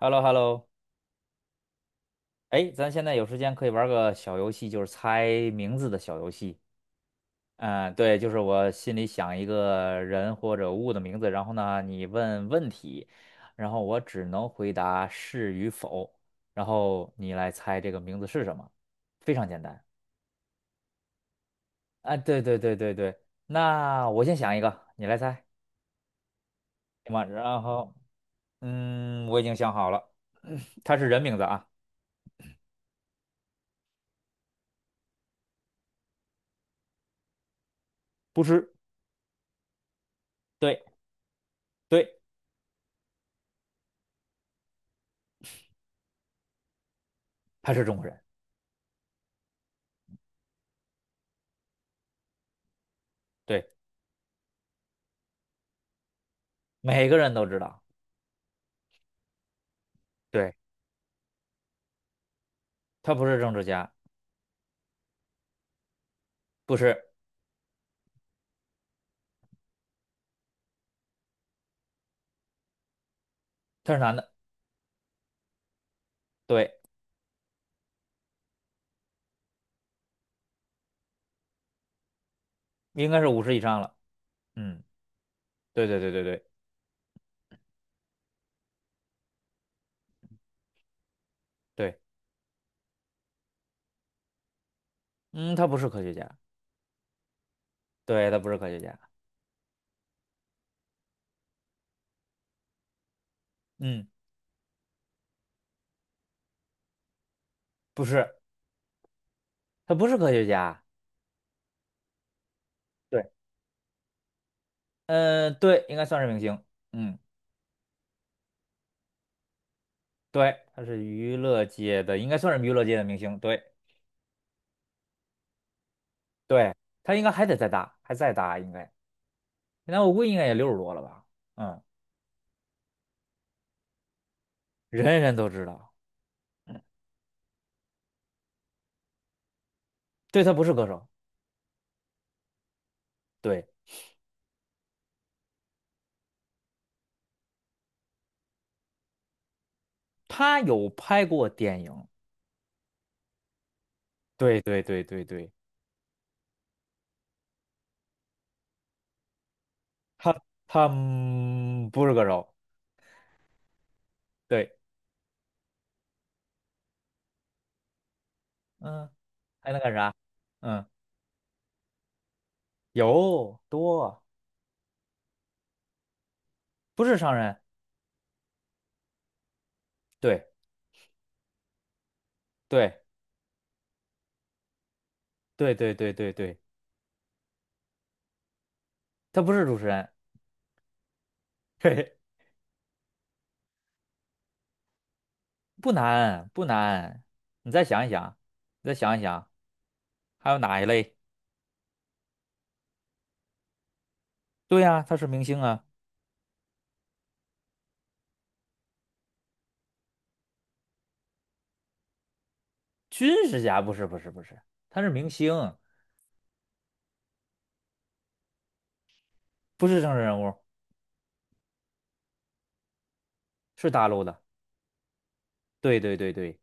Hello hello 哎，咱现在有时间可以玩个小游戏，就是猜名字的小游戏。嗯，对，就是我心里想一个人或者物的名字，然后呢，你问问题，然后我只能回答是与否，然后你来猜这个名字是什么，非常简单。啊，对对对对对，那我先想一个，你来猜，行吗？然后，嗯，我已经想好了，他是人名字啊。不是，对对，他是中国人，对，每个人都知道。对，他不是政治家，不是，他是男的，对，应该是50以上了。嗯，对对对对对对，嗯，他不是科学家，对，他不是科学家，嗯，不是，他不是科学家，对，对，应该算是明星，嗯，对，他是娱乐界的，应该算是娱乐界的明星，对对，他应该还得再大，还再大应该，那我估计应该也60多了吧，嗯，人人都知道。嗯，对，他不是歌手，对，他有拍过电影，对对对对对。他汉不是歌手，对，嗯，还能干啥？嗯，有多不是商人，对对对对对对对，他不是主持人，嘿嘿，不难不难，你再想一想，你再想一想，还有哪一类？对呀、他是明星啊，军事家不是不是不是，他是明星，不是政治人物，是大陆的，对对对对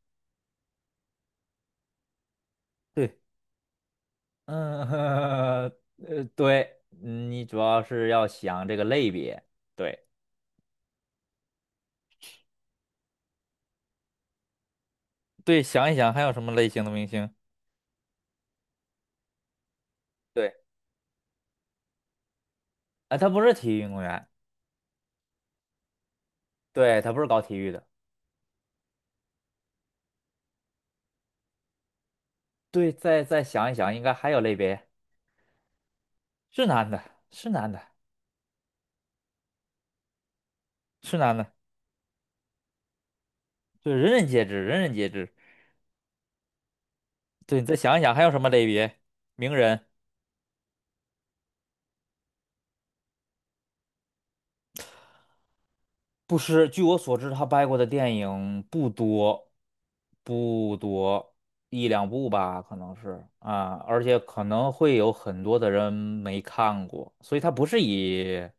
对，嗯，对，你主要是要想这个类别，对对，想一想还有什么类型的明星？对，啊，他不是体育运动员，对，他不是搞体育的，对，再想一想，应该还有类别，是男的，是男的，是男的，对，人人皆知，人人皆知。对，你再想一想还有什么类别？名人。不是，据我所知，他拍过的电影不多，不多，一两部吧，可能是啊，而且可能会有很多的人没看过，所以他不是以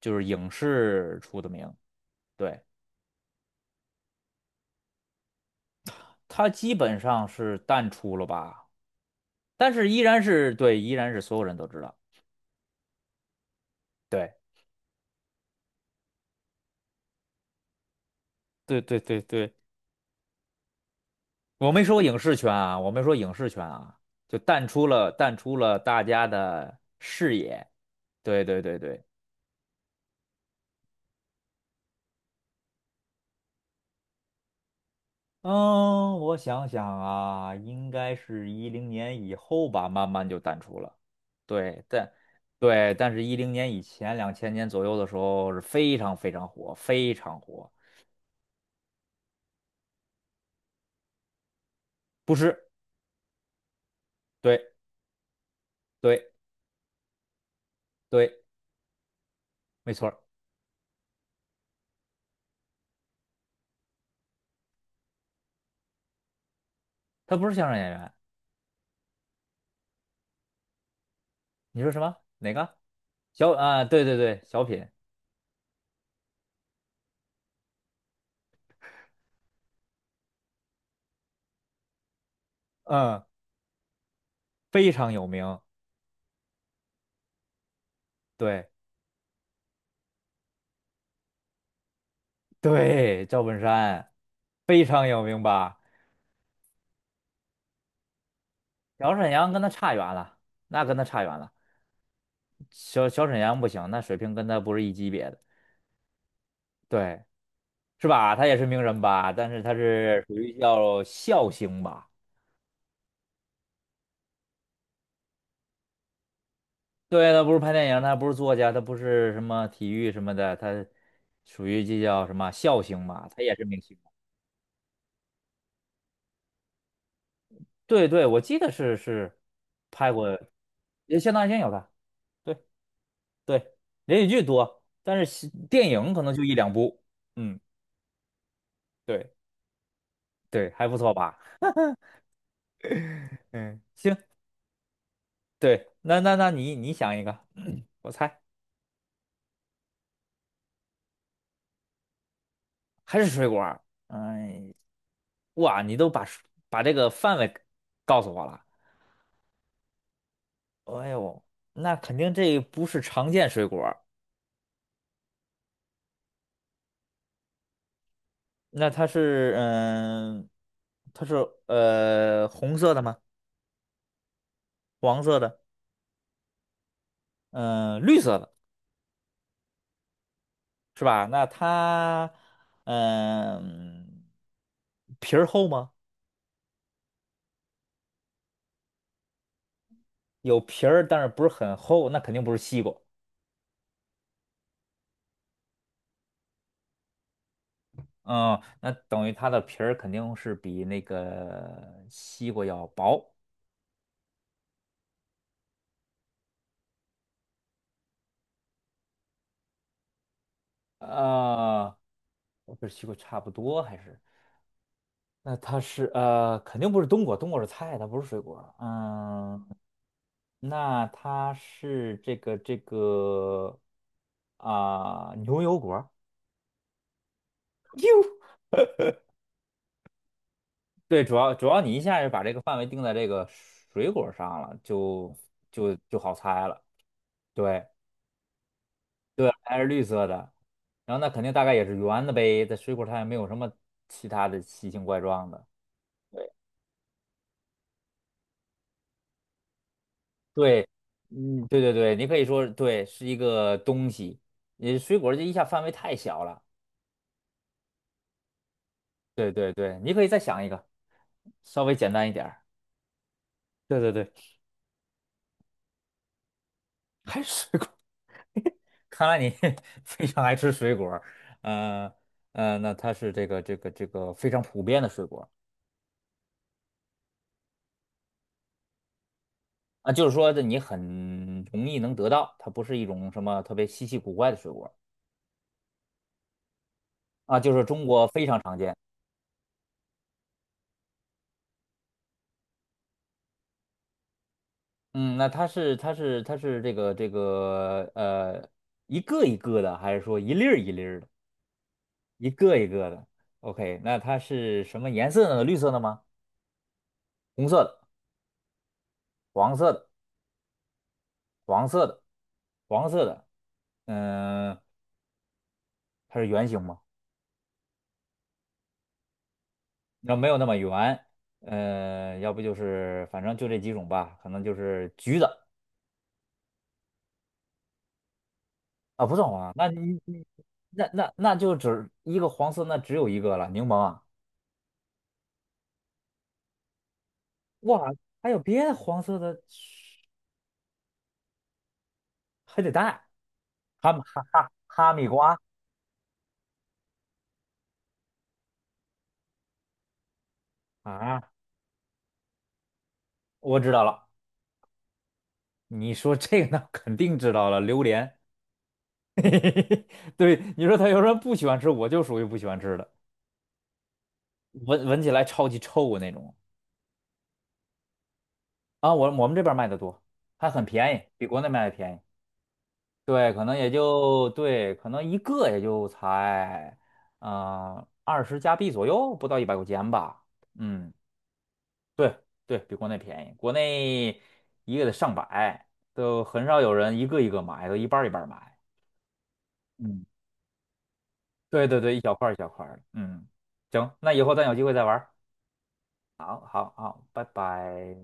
就是影视出的名，对，他基本上是淡出了吧，但是依然是对，依然是所有人都知道，对，对对对对，我没说影视圈啊，我没说影视圈啊，就淡出了，淡出了大家的视野。对对对对，嗯，我想想啊，应该是一零年以后吧，慢慢就淡出了。对，但是一零年以前，2000年左右的时候是非常非常火，非常火。不是，对对对，没错儿，他不是相声演员。你说什么？哪个？小啊，对对对，小品，嗯，非常有名。对对，赵本山非常有名吧？小沈阳跟他差远了，那跟他差远了。小沈阳不行，那水平跟他不是一级别的，对，是吧？他也是名人吧，但是他是属于叫笑星吧？对，他不是拍电影，他不是作家，他不是什么体育什么的，他属于这叫什么笑星吧？他也是明星。对对，我记得是拍过，也相当于先有他。对对，连续剧多，但是戏电影可能就一两部。嗯，对对，还不错吧？嗯，行，对，那你想一个，我猜。还是水果儿？哎，哇，你都把这个范围告诉我了。哎呦，那肯定这不是常见水果儿，那它是红色的吗？黄色的，嗯，绿色的是吧？那它嗯皮儿厚吗？有皮儿，但是不是很厚，那肯定不是西瓜。嗯，那等于它的皮儿肯定是比那个西瓜要薄。啊，我不是西瓜差不多，还是那它是肯定不是冬瓜，冬瓜是菜，它不是水果。嗯，那它是这个这个啊、牛油果。哟，对，主要你一下就把这个范围定在这个水果上了，就好猜了。对对，还是绿色的，然后那肯定大概也是圆的呗，在水果它也没有什么其他的奇形怪状的。对，嗯，对对对，你可以说对，是一个东西。你水果儿这一下范围太小了。对对对，你可以再想一个，稍微简单一点儿。对对对，还是水果儿。看来你 非常爱吃水果儿。呃那它是这个这个这个非常普遍的水果儿啊，就是说这你很容易能得到，它不是一种什么特别稀奇古怪的水果儿啊，就是中国非常常见。嗯，那它是这个这个一个一个的，还是说一粒儿一粒儿的，一个一个的？OK，那它是什么颜色呢？绿色的吗？红色的、黄色的、黄色的、黄色的。嗯、它是圆形吗？那没有那么圆。要不就是反正就这几种吧，可能就是橘子啊，不算黄啊。那你那就只一个黄色，那只有一个了，柠檬啊。哇，还有别的黄色的？还得带哈密瓜啊！我知道了，你说这个那肯定知道了，榴莲。对，你说他有人不喜欢吃，我就属于不喜欢吃的，闻起来超级臭的那种啊。我们这边卖的多，还很便宜，比国内卖的便宜。对，可能也就对，可能一个也就才嗯20加币左右，不到100块钱吧。嗯。对对，比国内便宜，国内一个得上百，都很少有人一个一个买，都一半儿一半儿买。嗯，对对对，一小块儿一小块儿的。嗯，行，那以后咱有机会再玩儿。好，好，好，拜拜。